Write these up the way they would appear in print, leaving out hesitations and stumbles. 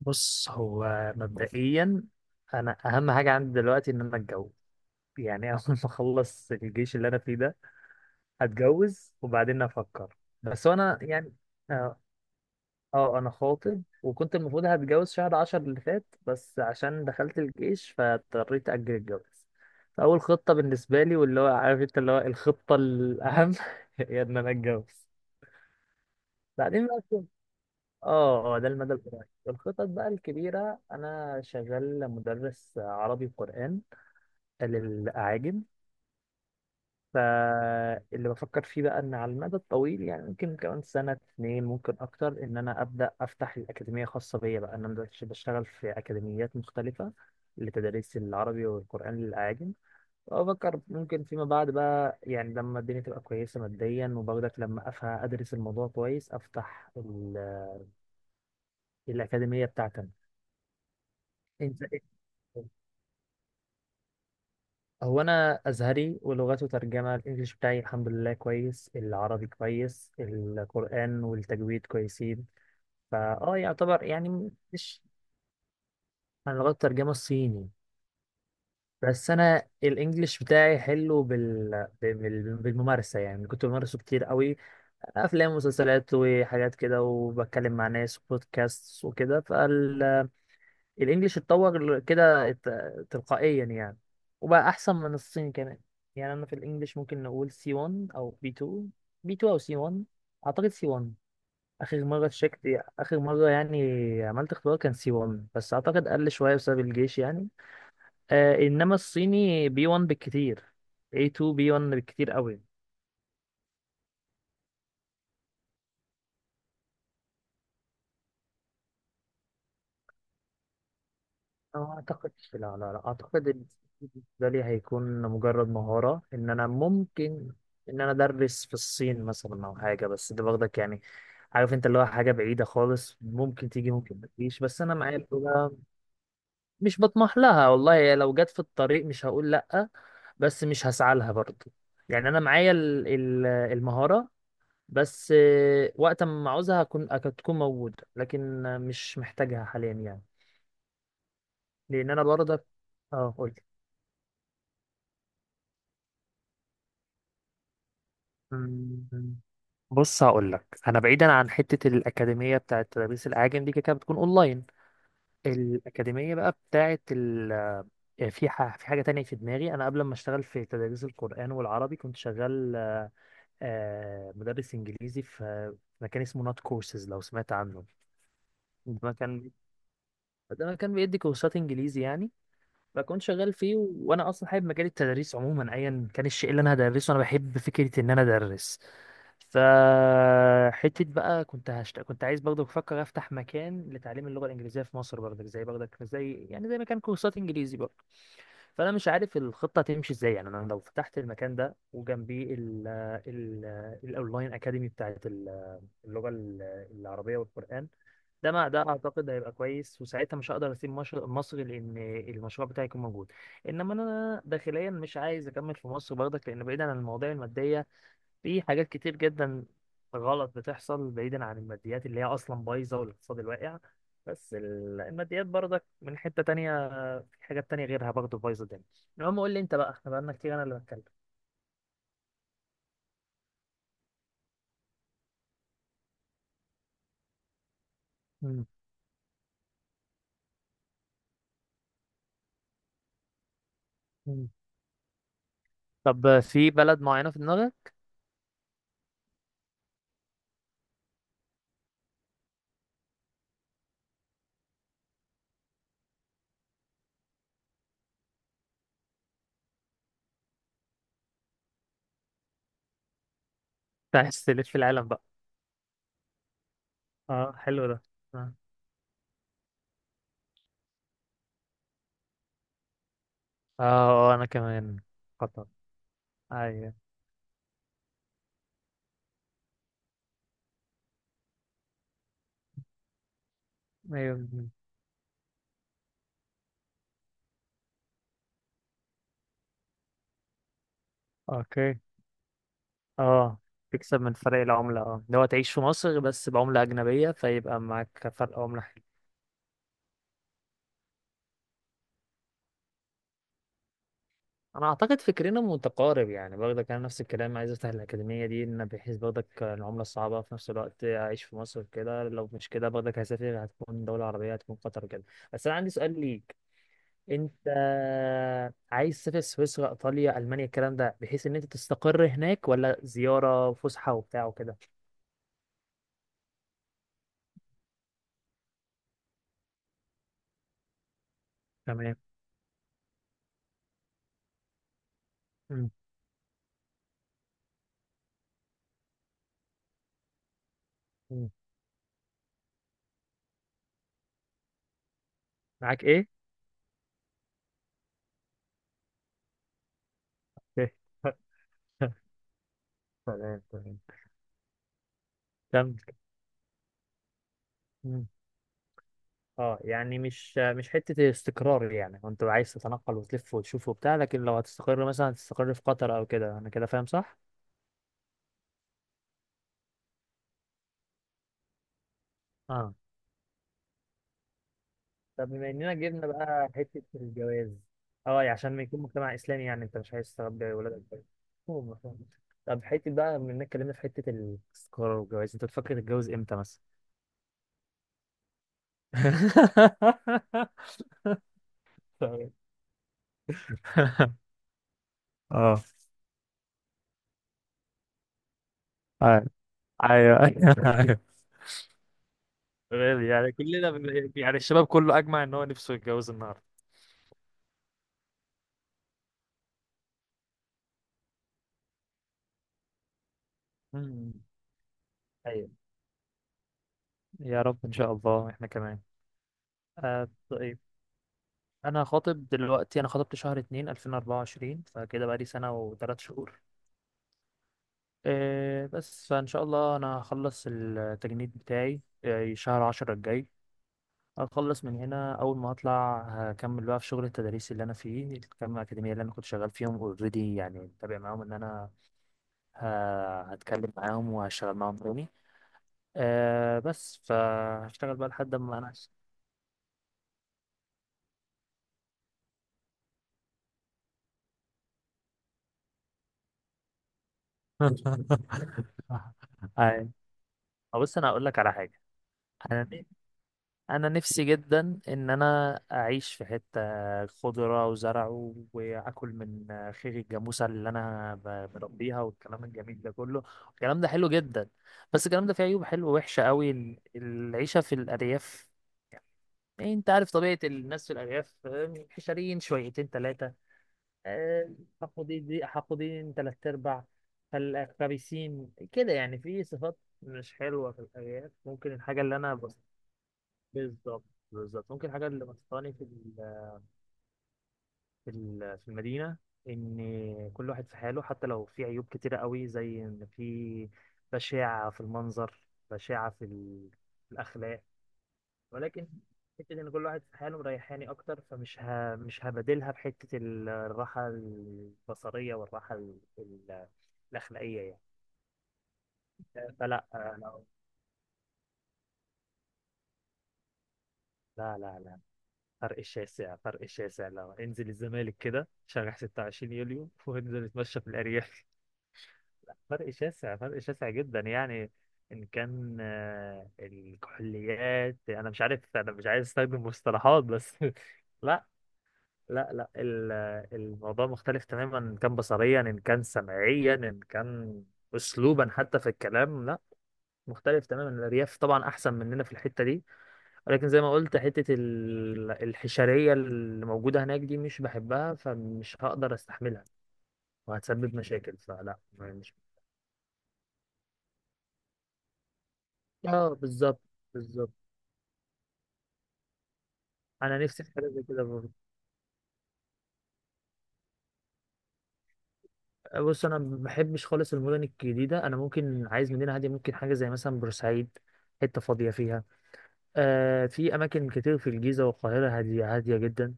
بص، هو مبدئيا انا اهم حاجه عندي دلوقتي ان انا اتجوز يعني. اول ما اخلص الجيش اللي انا فيه ده هتجوز وبعدين افكر، بس انا يعني. اه انا خاطب وكنت المفروض هتجوز شهر عشر اللي فات بس عشان دخلت الجيش فاضطريت اجل الجواز. فاول خطه بالنسبه لي، واللي هو عارف انت، اللي هو الخطه الاهم هي ان انا اتجوز. بعدين بقى. اه ده المدى القريب. الخطط بقى الكبيرة، أنا شغال مدرس عربي وقرآن للأعاجم. فاللي بفكر فيه بقى إن على المدى الطويل، يعني ممكن كمان سنة اتنين، ممكن أكتر، إن أنا أبدأ أفتح الأكاديمية خاصة بيا، بقى إن أنا دلوقتي بشتغل في أكاديميات مختلفة لتدريس العربي والقرآن للأعاجم. وأفكر ممكن فيما بعد بقى، يعني لما الدنيا تبقى كويسة ماديا وبرضك لما أفهم أدرس الموضوع كويس، أفتح الأكاديمية بتاعتي أنا. أنت إيه؟ هو انا ازهري ولغته ترجمه، الانجليش بتاعي الحمد لله كويس، العربي كويس، القران والتجويد كويسين. فا يعتبر يعني، مش انا لغات الترجمه الصيني، بس انا الانجليش بتاعي حلو بالممارسه، يعني كنت بمارسه كتير قوي، افلام ومسلسلات وحاجات كده، وبتكلم مع ناس وبودكاست وكده. الانجليش اتطور كده تلقائيا يعني، وبقى احسن من الصيني كمان. يعني انا في الانجليش ممكن نقول سي 1 او بي 2، بي 2 او سي 1، اعتقد سي 1. اخر مره شكت، اخر مره يعني عملت اختبار كان سي 1، بس اعتقد قل شويه بسبب الجيش يعني. آه، انما الصيني بي 1 بالكتير، A2 بي 1 بالكتير قوي. أنا ما أعتقدش، لا أعتقد إن بالنسبة لي هيكون مجرد مهارة، إن أنا ممكن، إن أنا أدرس في الصين مثلا أو حاجة، بس ده باخدك يعني، عارف أنت، اللي هو حاجة بعيدة خالص، ممكن تيجي ممكن ما تجيش، بس أنا معايا اللغة. مش بطمح لها والله يعني، لو جت في الطريق مش هقول لأ، بس مش هسعى لها برضه. يعني أنا معايا المهارة بس. وقت ما أعوزها هكون، هتكون موجودة، لكن مش محتاجها حاليا يعني، لأن أنا برضه. أه قول. مم. بص، هقول لك، انا بعيدا عن حته الاكاديميه بتاعه تدريس الاعاجم دي، كده كده بتكون اونلاين. الاكاديميه بقى بتاعه ال، آه، في حاجه تانية في دماغي. انا قبل ما اشتغل في تدريس القران والعربي كنت شغال، مدرس انجليزي في، في مكان اسمه نوت كورسز، لو سمعت عنه. ده مكان، ده مكان بيدي كورسات انجليزي يعني. فكنت شغال فيه، وانا اصلا حابب مجال التدريس عموما، ايا كان الشيء اللي انا هدرسه انا بحب فكره ان انا ادرس. ف حته بقى كنت عايز برضه، بفكر افتح مكان لتعليم اللغه الانجليزيه في مصر برضه، زي يعني، زي مكان كورسات انجليزي برضه. فانا مش عارف الخطه تمشي ازاي، يعني انا لو فتحت المكان ده وجنبيه ال ال الاونلاين اكاديمي بتاعت اللغه العربيه والقران، ده ما ده اعتقد هيبقى كويس. وساعتها مش هقدر اسيب مصر، لان المشروع بتاعي يكون موجود. انما انا داخليا مش عايز اكمل في مصر برضك، لان بعيدا عن المواضيع الماديه في حاجات كتير جدا غلط بتحصل، بعيدا عن الماديات اللي هي اصلا بايظه والاقتصاد الواقع. بس الماديات برضك من حته تانية، في حاجات تانية غيرها برضه بايظه الدنيا. المهم قول لي انت بقى، احنا بقالنا كتير انا اللي بتكلم. مم. مم. طب في بلد معينه في دماغك؟ انت عايز تلف في العالم بقى. اه حلو. ده. اه. آه، انا كمان. خطر. ايوه. ايوه. اوكي. اه، تكسب من فرق العملة، اه، اللي هو تعيش في مصر بس بعملة أجنبية، فيبقى معاك فرق عملة حلو. أنا أعتقد فكرنا متقارب يعني، برضك أنا نفس الكلام، عايز أفتح الأكاديمية دي، إن بحيث برضك العملة الصعبة، في نفس الوقت أعيش في مصر كده. لو مش كده برضك هسافر، هتكون دولة عربية، هتكون قطر كده. بس أنا عندي سؤال ليك. انت عايز تسافر سويسرا، ايطاليا، المانيا، الكلام ده بحيث ان انت تستقر هناك، ولا زياره فسحه وبتاع وكده؟ تمام. مم. مم. معاك ايه؟ تمام تمام. كمل. مم. اه يعني مش، مش حته استقرار يعني، وانت عايز تتنقل وتلف وتشوف وبتاع، لكن لو هتستقر مثلا هتستقر في قطر او كده، انا كده فاهم صح؟ اه. طب بما اننا جبنا بقى حته الجواز، اه يعني عشان ما يكون مجتمع اسلامي يعني، انت مش عايز تربي ولادك كده. هم فاهم. طب حته بقى بما اننا اتكلمنا في حته الاستقرار والجواز، انت بتفكر تتجوز امتى مثلا؟ طيب. اه. ايوه، ايوه ايوه. غالي يعني، كلنا يعني الشباب كله اجمع ان هو نفسه يتجوز النهارده. أمم. ايوه. يا رب ان شاء الله، احنا كمان. آه، طيب. انا خاطب دلوقتي، انا خاطبت شهر اتنين الفين اربعة وعشرين، فكده بقالي سنة وتلات شهور. إيه، بس فان شاء الله انا هخلص التجنيد بتاعي إيه شهر عشرة الجاي. هخلص من هنا اول ما اطلع، هكمل بقى في شغل التدريس اللي انا فيه، كام اكاديمية اللي انا كنت شغال فيهم اوريدي يعني متابع معاهم، ان انا هتكلم معاهم وهشتغل معاهم تاني. إيه، بس فهشتغل بقى لحد ما انا. أي. بص انا هقول لك على حاجة. انا نفسي جدا ان انا اعيش في حته خضره وزرع واكل من خير الجاموسه اللي انا بربيها والكلام الجميل ده كله. الكلام ده حلو جدا، بس الكلام ده فيه عيوب، حلوه وحشه قوي العيشه في الارياف. إيه، انت عارف طبيعه الناس في الارياف، آه، حشريين شويتين ثلاثه، حقودين حقودين ثلاث ارباع، فالخبيثين كده يعني، في صفات مش حلوه في الارياف. ممكن الحاجه اللي انا. بالظبط. بالظبط، ممكن الحاجة اللي بسطاني في في المدينة، إن كل واحد في حاله، حتى لو في عيوب كتيرة قوي، زي إن في بشاعة في المنظر، بشاعة في في الأخلاق، ولكن حتة إن كل واحد في حاله مريحاني أكتر، فمش مش هبادلها بحتة الراحة البصرية والراحة الأخلاقية يعني. فلا أنا- لا، فرق الشاسع، فرق الشاسع، لو انزل الزمالك كده شارع 26 يوليو وانزل اتمشى في الأرياف. لا، فرق شاسع، فرق شاسع جدا يعني. إن كان آه، الكحوليات، أنا مش عارف، أنا مش عايز أستخدم مصطلحات بس. لا. لا الموضوع مختلف تماما، إن كان بصريا، إن كان سمعيا، إن كان أسلوبا حتى في الكلام. لا، مختلف تماما. الأرياف طبعا أحسن مننا في الحتة دي، ولكن زي ما قلت حتة الحشرية اللي موجودة هناك دي مش بحبها، فمش هقدر استحملها، وهتسبب مشاكل، فلا، مش. اه بالظبط. بالظبط. انا نفسي في حاجة زي كده برضه. بص انا ما بحبش خالص المدن الجديدة، انا ممكن عايز مدينة هادية، ممكن حاجة زي مثلا بورسعيد، حتة فاضية فيها. آه، في اماكن كتير في الجيزة والقاهرة هادية هادية جدا،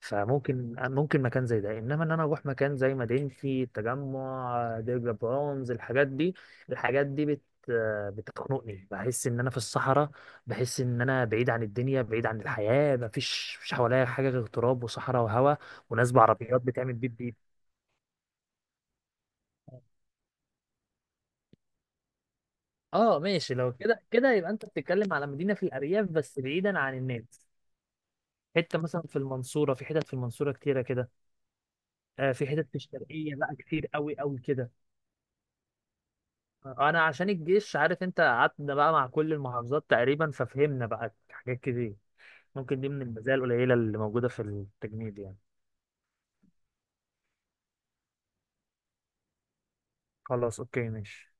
فممكن، ممكن مكان زي ده. انما ان انا اروح مكان زي مدينتي، التجمع، ديرجا، برونز، الحاجات دي، الحاجات دي بتخنقني، بحس ان انا في الصحراء، بحس ان انا بعيد عن الدنيا، بعيد عن الحياه، مفيش، مفيش حواليا حاجه غير تراب وصحراء وهواء وناس بعربيات بتعمل بيب بيب. اه ماشي، لو كده كده يبقى انت بتتكلم على مدينه في الارياف بس بعيدا عن الناس. حته مثلا في المنصوره، في حتت في المنصوره كتيره كده. آه في حتت في الشرقيه بقى كتير قوي قوي كده. انا عشان الجيش، عارف انت، قعدنا بقى مع كل المحافظات تقريبا، ففهمنا بقى حاجات كتير. ممكن دي من المزايا القليله اللي موجوده في التجنيد يعني. خلاص، اوكي، ماشي.